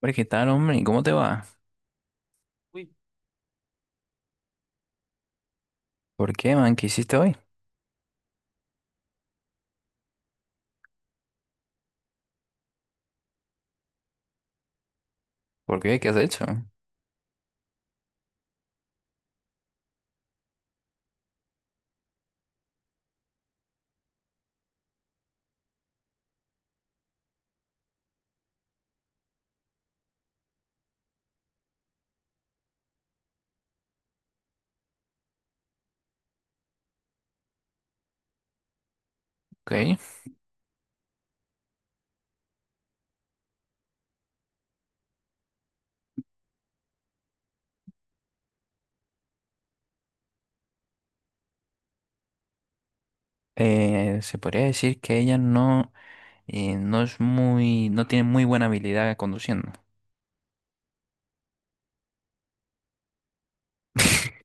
Hombre, ¿qué tal, hombre? ¿Cómo te va? ¿Por qué, man? ¿Qué hiciste hoy? ¿Por qué? ¿Qué has hecho? Ok. Se podría decir que ella no, no es muy, no tiene muy buena habilidad conduciendo.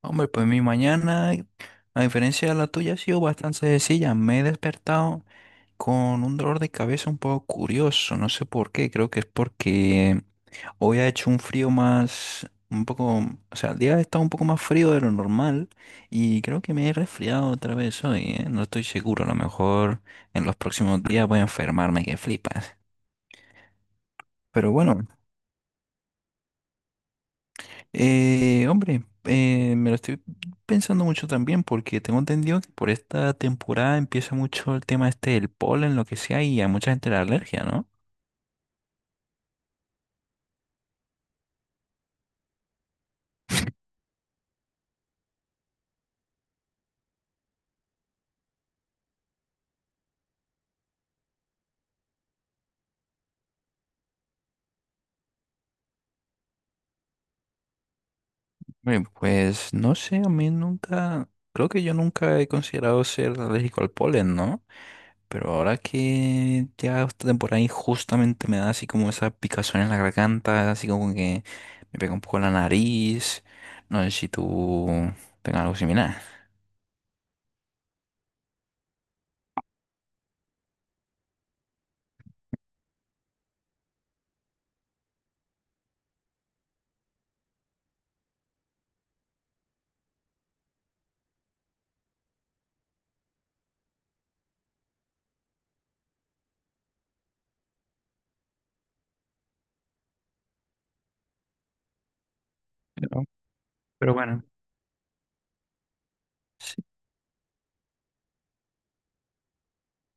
Hombre, pues mi mañana, a diferencia de la tuya, ha sido bastante sencilla. Me he despertado con un dolor de cabeza un poco curioso. No sé por qué. Creo que es porque hoy ha hecho un frío más, un poco, o sea, el día ha estado un poco más frío de lo normal y creo que me he resfriado otra vez hoy, ¿eh? No estoy seguro, a lo mejor en los próximos días voy a enfermarme que flipas. Pero bueno, hombre, me lo estoy pensando mucho también porque tengo entendido que por esta temporada empieza mucho el tema este del polen, lo que sea, y a mucha gente la alergia, ¿no? Hombre, pues no sé, a mí nunca, creo que yo nunca he considerado ser alérgico al polen, ¿no? Pero ahora que ya esta temporada injustamente me da así como esa picazón en la garganta, así como que me pega un poco en la nariz. No sé si tú tengas algo similar. Pero, pero bueno, sí,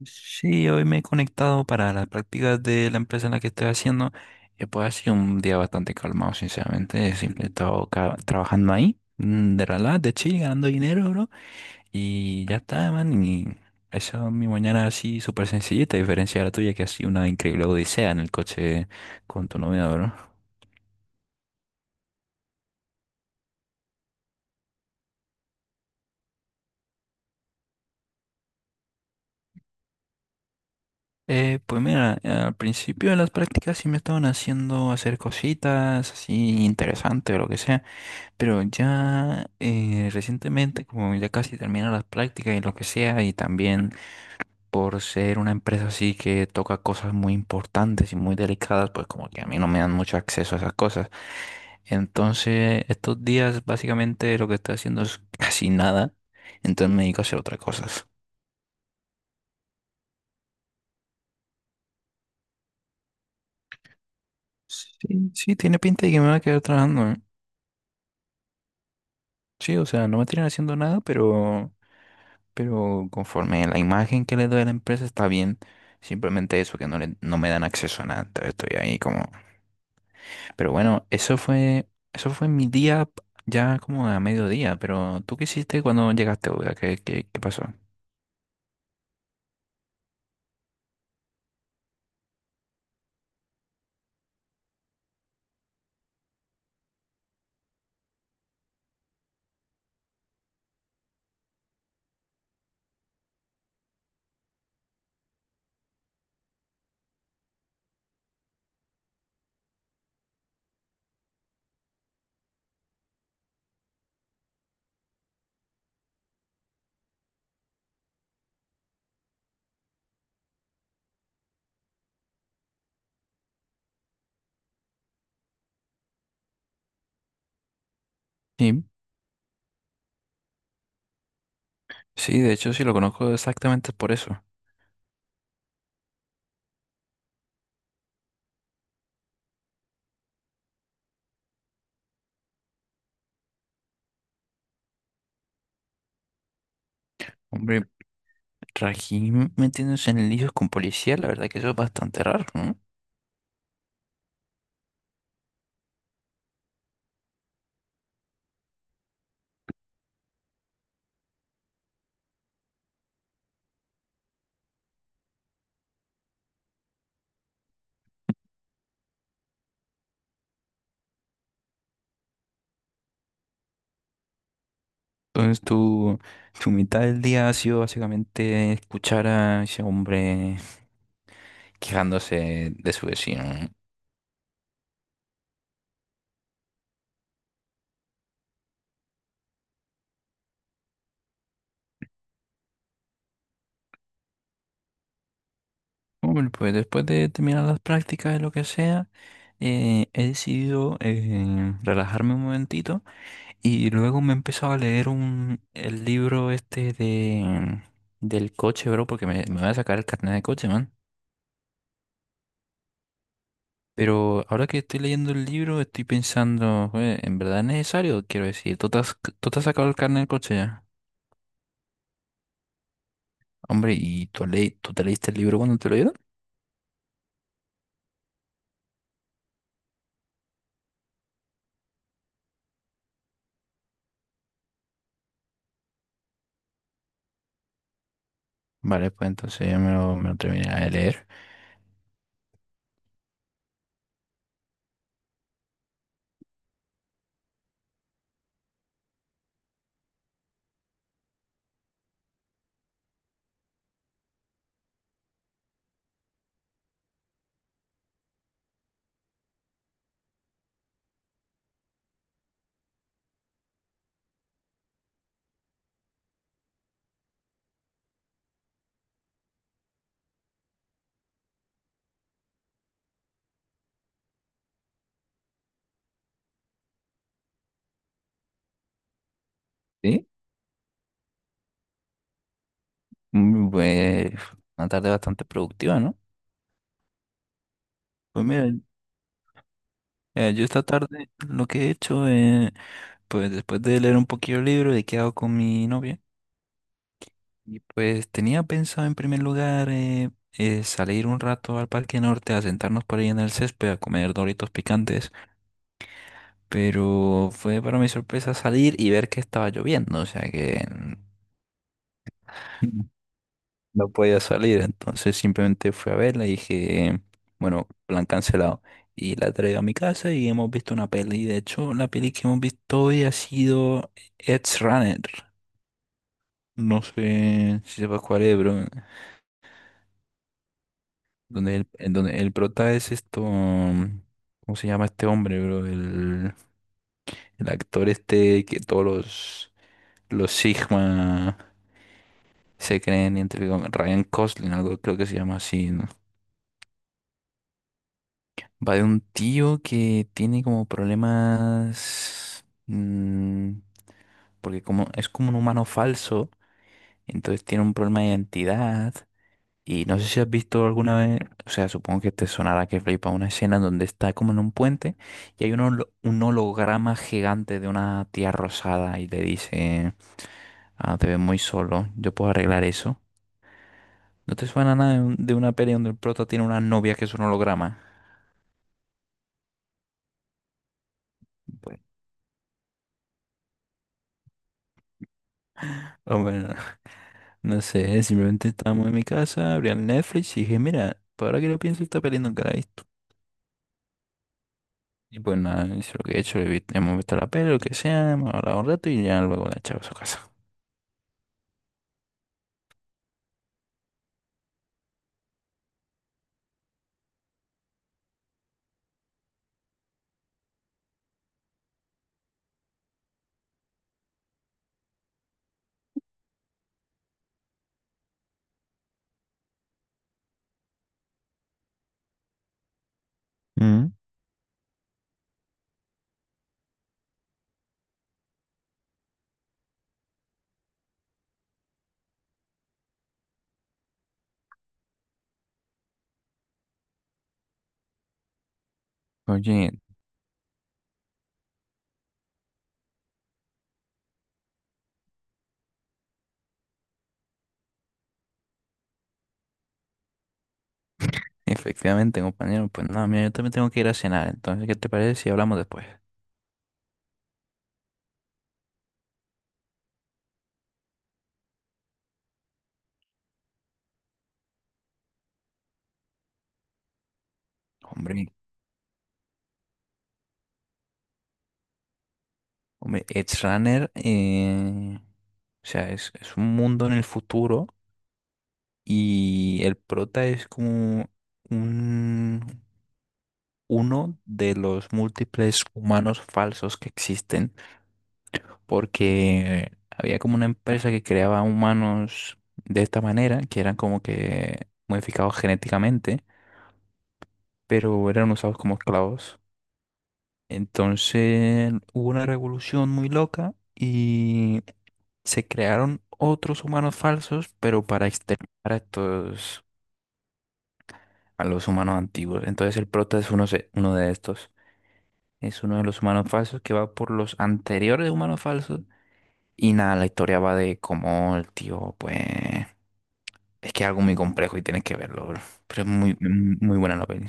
sí, hoy me he conectado para las prácticas de la empresa en la que estoy haciendo. Y pues ha sido un día bastante calmado, sinceramente. Siempre he estado trabajando ahí, de relax, de chill, ganando dinero, bro. Y ya está, man. Y esa es mi mañana así súper sencillita, a diferencia de la tuya, que ha sido una increíble odisea en el coche con tu novia, ¿verdad? Pues mira, al principio de las prácticas sí me estaban haciendo hacer cositas así interesantes o lo que sea, pero ya recientemente, como ya casi terminan las prácticas y lo que sea, y también por ser una empresa así que toca cosas muy importantes y muy delicadas, pues como que a mí no me dan mucho acceso a esas cosas. Entonces, estos días básicamente lo que estoy haciendo es casi nada, entonces me dedico a hacer otras cosas. Sí, sí, tiene pinta de que me voy a quedar trabajando, ¿eh? Sí, o sea, no me tienen haciendo nada, pero conforme la imagen que le doy a la empresa está bien. Simplemente eso, que no, no me dan acceso a nada. Entonces estoy ahí como pero bueno, eso fue mi día ya como a mediodía, pero ¿tú qué hiciste cuando llegaste, Olga? ¿Qué, qué, qué pasó? Sí, sí, de hecho sí lo conozco exactamente por eso. Hombre, Rajim metiéndose en líos con policía, la verdad que eso es bastante raro, ¿no? Entonces tu mitad del día ha sido básicamente escuchar a ese hombre quejándose de su vecino. Hombre, pues después de terminar las prácticas de lo que sea, he decidido relajarme un momentito y luego me he empezado a leer un, el libro este de, del coche, bro, porque me voy a sacar el carnet de coche, man. Pero ahora que estoy leyendo el libro, estoy pensando, "Joder, ¿en verdad es necesario? Quiero decir, tú te has sacado el carnet de coche ya? Hombre, ¿y tú, le, tú te leíste el libro cuando te lo dieron? Vale, pues entonces ya me lo terminé de leer. Sí, mm, pues una tarde bastante productiva, ¿no? Pues mira, yo esta tarde lo que he hecho, pues después de leer un poquillo el libro, he quedado con mi novia y pues tenía pensado en primer lugar salir un rato al Parque Norte a sentarnos por ahí en el césped a comer doritos picantes. Pero fue para mi sorpresa salir y ver que estaba lloviendo, o sea que no podía salir. Entonces simplemente fui a verla y dije, bueno, plan cancelado. Y la traigo a mi casa y hemos visto una peli. De hecho, la peli que hemos visto hoy ha sido Edge Runner. No sé si sepas cuál es, bro. Donde el, en donde el prota es esto. ¿Cómo se llama este hombre, bro? El actor este que todos los Sigma. Se creen entre com- Ryan Gosling, algo creo que se llama así, ¿no? Va de un tío que tiene como problemas, porque como es como un humano falso, entonces tiene un problema de identidad. Y no sé si has visto alguna vez, o sea, supongo que te sonará que flipa una escena donde está como en un puente y hay un holograma gigante de una tía rosada y le dice, ah, te ves muy solo, yo puedo arreglar eso. ¿No te suena nada de, de una peli donde el prota tiene una novia que es un holograma? Bueno, o bueno, no sé, simplemente estábamos en mi casa, abrí el Netflix y dije, mira, por ahora que lo pienso, esta peli nunca la he visto. Y pues nada, eso es lo que he hecho, hemos visto la peli, lo que sea, hemos hablado un rato y ya luego la he echado a su casa. Mm. Oye, efectivamente, compañero, pues nada, mira, yo también tengo que ir a cenar, entonces, ¿qué te parece si hablamos después? Hombre, hombre, Edge Runner, o sea, es un mundo en el futuro y el prota es como un... uno de los múltiples humanos falsos que existen, porque había como una empresa que creaba humanos de esta manera, que eran como que modificados genéticamente, pero eran usados como esclavos. Entonces hubo una revolución muy loca y se crearon otros humanos falsos, pero para exterminar a estos, a los humanos antiguos. Entonces el prota es uno, uno de estos. Es uno de los humanos falsos que va por los anteriores humanos falsos. Y nada, la historia va de cómo el tío, pues... Es que es algo muy complejo y tienes que verlo, bro. Pero es muy, muy muy buena la peli.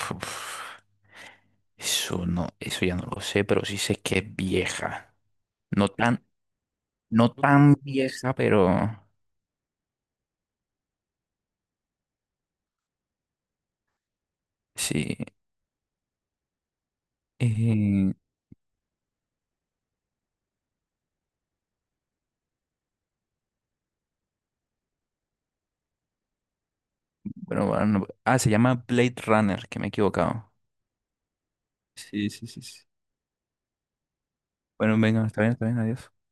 Uf, eso no, eso ya no lo sé, pero sí sé que es vieja. No tan, no tan vieja, pero sí. Eh, bueno, bueno, se llama Blade Runner, que me he equivocado. Sí, sí, sí, sí. Bueno, venga, está bien, adiós.